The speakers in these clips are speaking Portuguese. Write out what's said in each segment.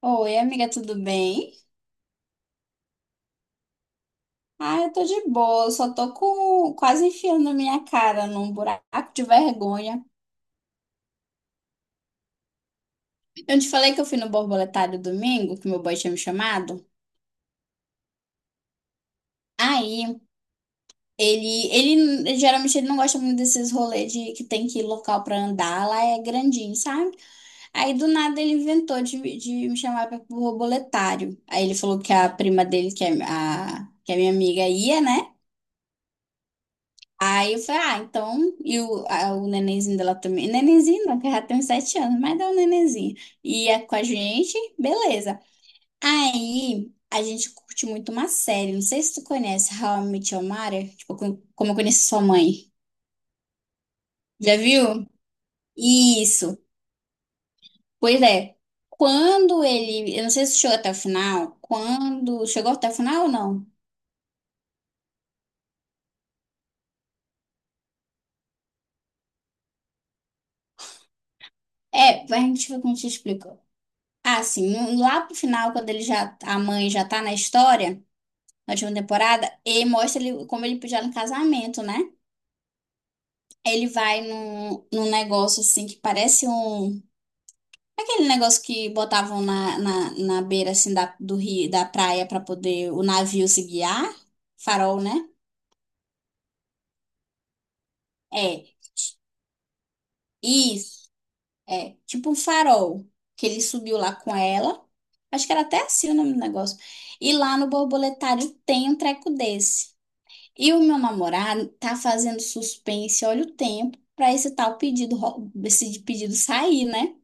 Oi, amiga, tudo bem? Ah, eu tô de boa, eu só tô com quase enfiando a minha cara num buraco de vergonha. Eu te falei que eu fui no borboletário domingo, que meu boy tinha me chamado. Aí, ele geralmente ele não gosta muito desses rolês de que tem que ir local pra andar, lá é grandinho, sabe? Aí do nada ele inventou de me chamar para o borboletário. Aí ele falou que a prima dele, que é que é minha amiga, ia, né? Aí eu falei, ah, então, e o, o nenenzinho dela também, nenenzinho não, que ela tem uns 7 anos, mas dá um nenenzinho, ia com a gente, beleza. Aí, a gente curte muito uma série, não sei se tu conhece, How I Met Your Mother, tipo, como eu conheci sua mãe, já viu? Isso, pois é, quando ele, eu não sei se chegou até o final, quando, chegou até o final ou não? É, a gente, como te explica. Ah, sim, lá pro final, quando ele já, a mãe já tá na história, na última temporada, e mostra ele como ele pediu no casamento, né? Ele vai num negócio assim que parece um. Aquele negócio que botavam na beira assim da, do rio, da praia para poder o navio se guiar. Farol, né? É, isso. É, tipo um farol que ele subiu lá com ela. Acho que era até assim o nome do negócio. E lá no borboletário tem um treco desse. E o meu namorado tá fazendo suspense, olha o tempo, pra esse tal pedido, esse pedido sair, né?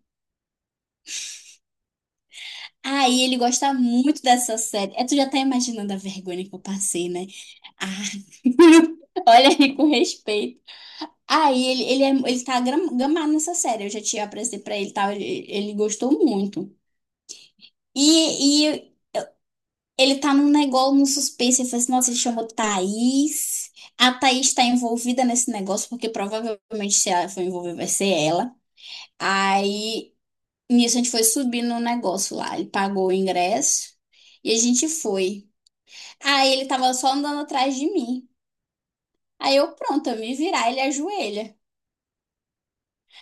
Aí ele gosta muito dessa série. É, tu já tá imaginando a vergonha que eu passei, né? Ah, olha aí com respeito. Aí ele tá gamado nessa série. Eu já tinha apresentei pra ele e tal. Ele gostou muito. E ele tá num negócio, num suspense. Ele falou assim: nossa, ele chamou Thaís. A Thaís tá envolvida nesse negócio, porque provavelmente se ela for envolvida, vai ser ela. Aí, nisso, a gente foi subindo no negócio lá. Ele pagou o ingresso e a gente foi. Aí ele tava só andando atrás de mim. Aí eu, pronto, eu me virar, ele ajoelha.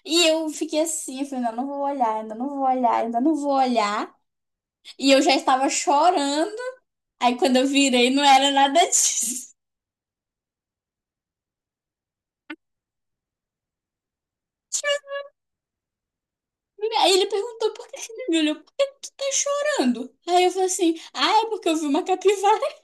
E eu fiquei assim, eu falei, ainda não vou olhar, ainda não vou olhar, ainda não vou olhar. E eu já estava chorando. Aí quando eu virei, não era nada disso. Aí ele perguntou por que que ele me olhou, por que que tu tá chorando? Aí eu falei assim, ah, é porque eu vi uma capivara.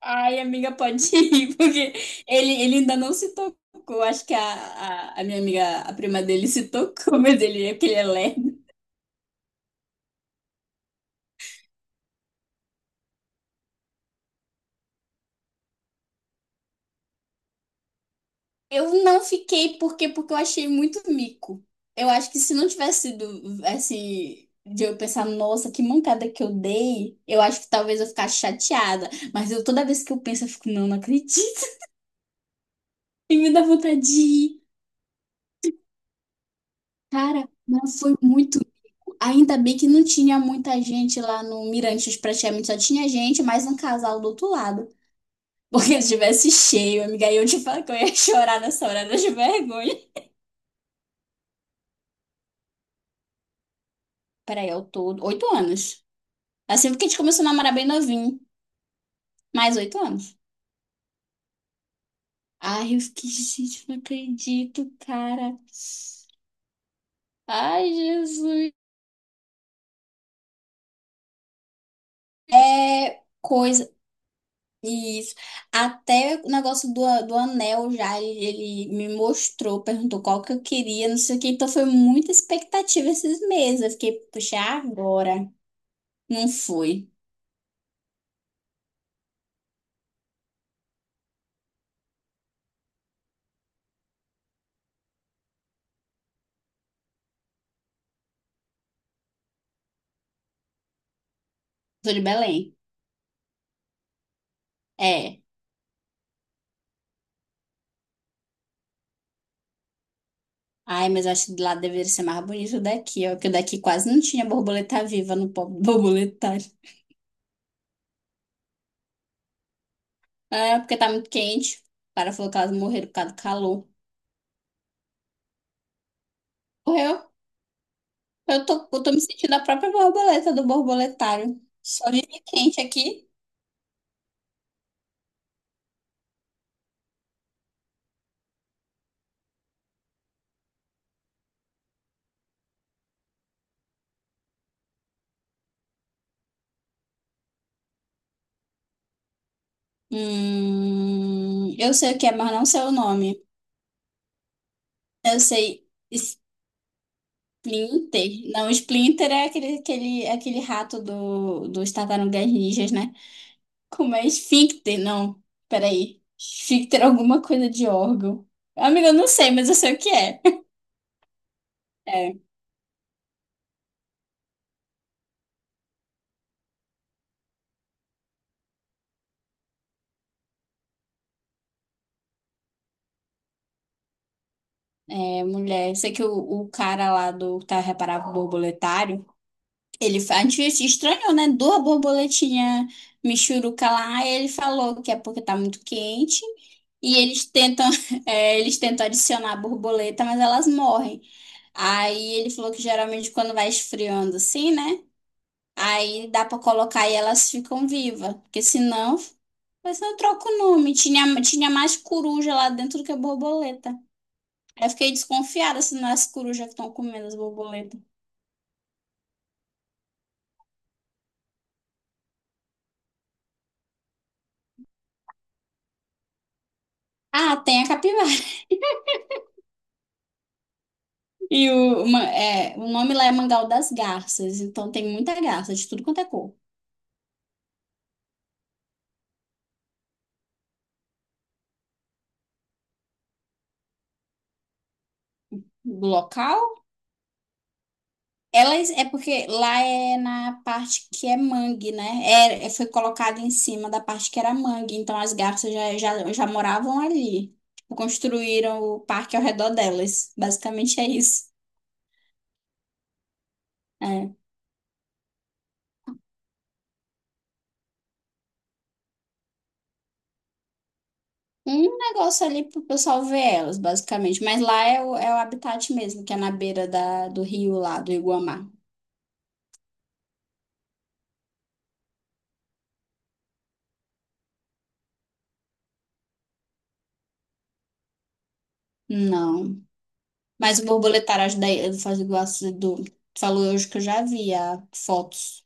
Ai, amiga, pode ir, porque ele ainda não se tocou. Acho que a minha amiga, a prima dele, se tocou, mas ele é lerdo. Eu não fiquei, por quê? Porque eu achei muito mico. Eu acho que se não tivesse sido, assim, de eu pensar, nossa, que mancada que eu dei, eu acho que talvez eu ficasse chateada. Mas eu, toda vez que eu penso, eu fico, não, não acredito. E me dá vontade de rir. Cara, mas foi muito ainda bem que não tinha muita gente lá no Mirantes, praticamente só tinha gente, mais um casal do outro lado. Porque se tivesse cheio, amiga, aí eu te falo que eu ia chorar nessa hora de vergonha. Peraí, eu tô 8 anos. Assim, porque a gente começou a namorar bem novinho. Mais 8 anos. Ai, eu fiquei, gente, não acredito, cara. Ai, Jesus. É coisa. Isso. Até o negócio do anel já, ele me mostrou, perguntou qual que eu queria, não sei o que. Então foi muita expectativa esses meses. Eu fiquei, puxa, agora. Não fui. Sou de Belém. É. Ai, mas eu acho que lá deveria ser mais bonito daqui, ó. Porque daqui quase não tinha borboleta viva no pobre borboletário. É, porque tá muito quente. O cara falou que elas morreram por causa do calor. Morreu. Eu tô me sentindo a própria borboleta do borboletário. Só vive quente aqui. Eu sei o que é, mas não sei o nome. Eu sei Splinter. Não, Splinter é aquele rato dos Tartarugas Ninjas, né? Como é Esfíncter? Não, peraí. Esfíncter é alguma coisa de órgão. Amiga, eu não sei, mas eu sei o que é. É, mulher. Sei que o cara lá do Tá Reparável Borboletário. A gente se estranhou, né? Duas borboletinhas michuruca lá, e ele falou que é porque tá muito quente. E eles tentam, eles tentam adicionar a borboleta, mas elas morrem. Aí ele falou que geralmente quando vai esfriando assim, né? Aí dá pra colocar e elas ficam vivas. Porque senão, mas não troca o nome. Tinha mais coruja lá dentro do que borboleta. Aí eu fiquei desconfiada se não é as corujas que estão comendo as borboletas. Ah, tem a capivara. E o, o nome lá é Mangal das Garças, então tem muita garça de tudo quanto é cor. Do local, elas é porque lá é na parte que é mangue, né? Foi colocado em cima da parte que era mangue, então as garças já moravam ali. Tipo, construíram o parque ao redor delas. Basicamente é isso. É. Um negócio ali pro pessoal ver elas, basicamente. Mas lá é é o habitat mesmo, que é na beira da, do rio lá, do Iguamá. Não. Mas o borboletário da Ilha do Fazendo do Tu falou hoje que eu já vi ah, fotos.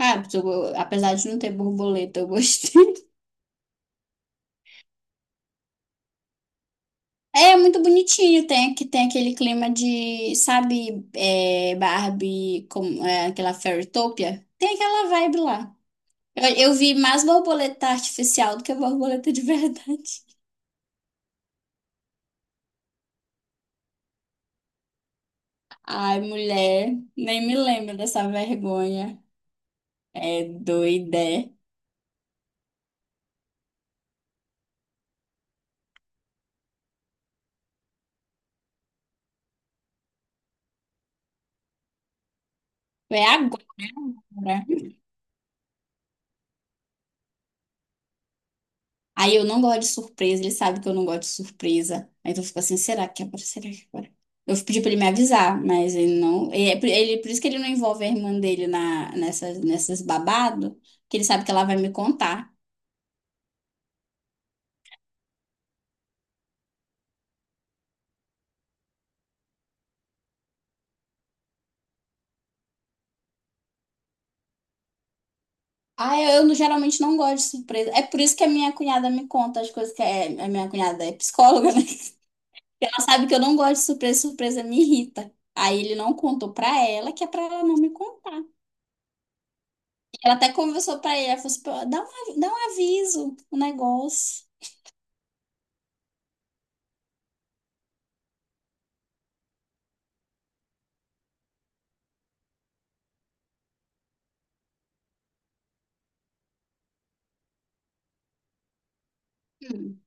Ah, porque apesar de não ter borboleta, eu gostei. É muito bonitinho, tem, tem aquele clima de, sabe, Barbie, com, aquela Fairytopia? Tem aquela vibe lá. Eu vi mais borboleta artificial do que borboleta de verdade. Ai, mulher, nem me lembro dessa vergonha. É doida. É agora. Né? Aí eu não gosto de surpresa, ele sabe que eu não gosto de surpresa. Aí eu fico assim, será que é agora? Será que é agora? Eu pedi pra ele me avisar, mas ele não. Ele, por isso que ele não envolve a irmã dele na, nessas babado, que ele sabe que ela vai me contar. Ah, eu não- geralmente não gosto de surpresa. É por isso que a minha cunhada me conta as coisas a minha cunhada é psicóloga, né? Ela sabe que eu não gosto de surpresa, surpresa me irrita. Aí ele não contou pra ela, que é pra ela não me contar. Ela até conversou pra ele, ela falou assim, "Pô, dá um, dá um aviso, o negócio. Hum.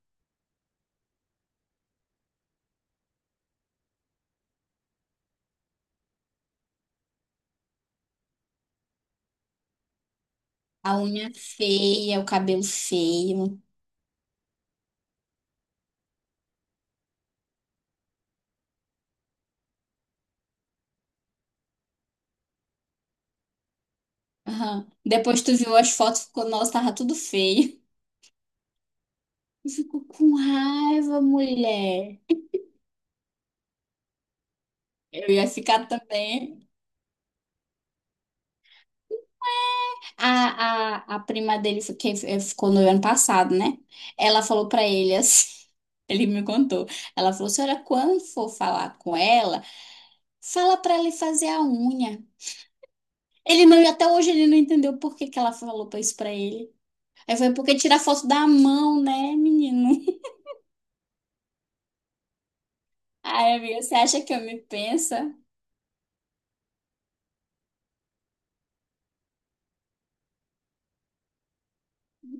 A unha feia, o cabelo feio. Aham. Depois tu viu as fotos, ficou, nossa, tava tudo feio. Ficou com raiva, mulher. Eu ia ficar também. A prima dele, ficou no ano passado, né? Ela falou pra ele assim. Ele me contou. Ela falou: senhora, quando for falar com ela, fala pra ele fazer a unha. Ele não, e até hoje ele não entendeu por que que ela falou pra isso pra ele. Aí foi porque tira foto da mão, né, menino? Ai, amigo, você acha que eu me pensa?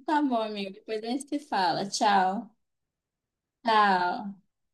Tá bom, amigo. Depois a gente se fala. Tchau. Tchau.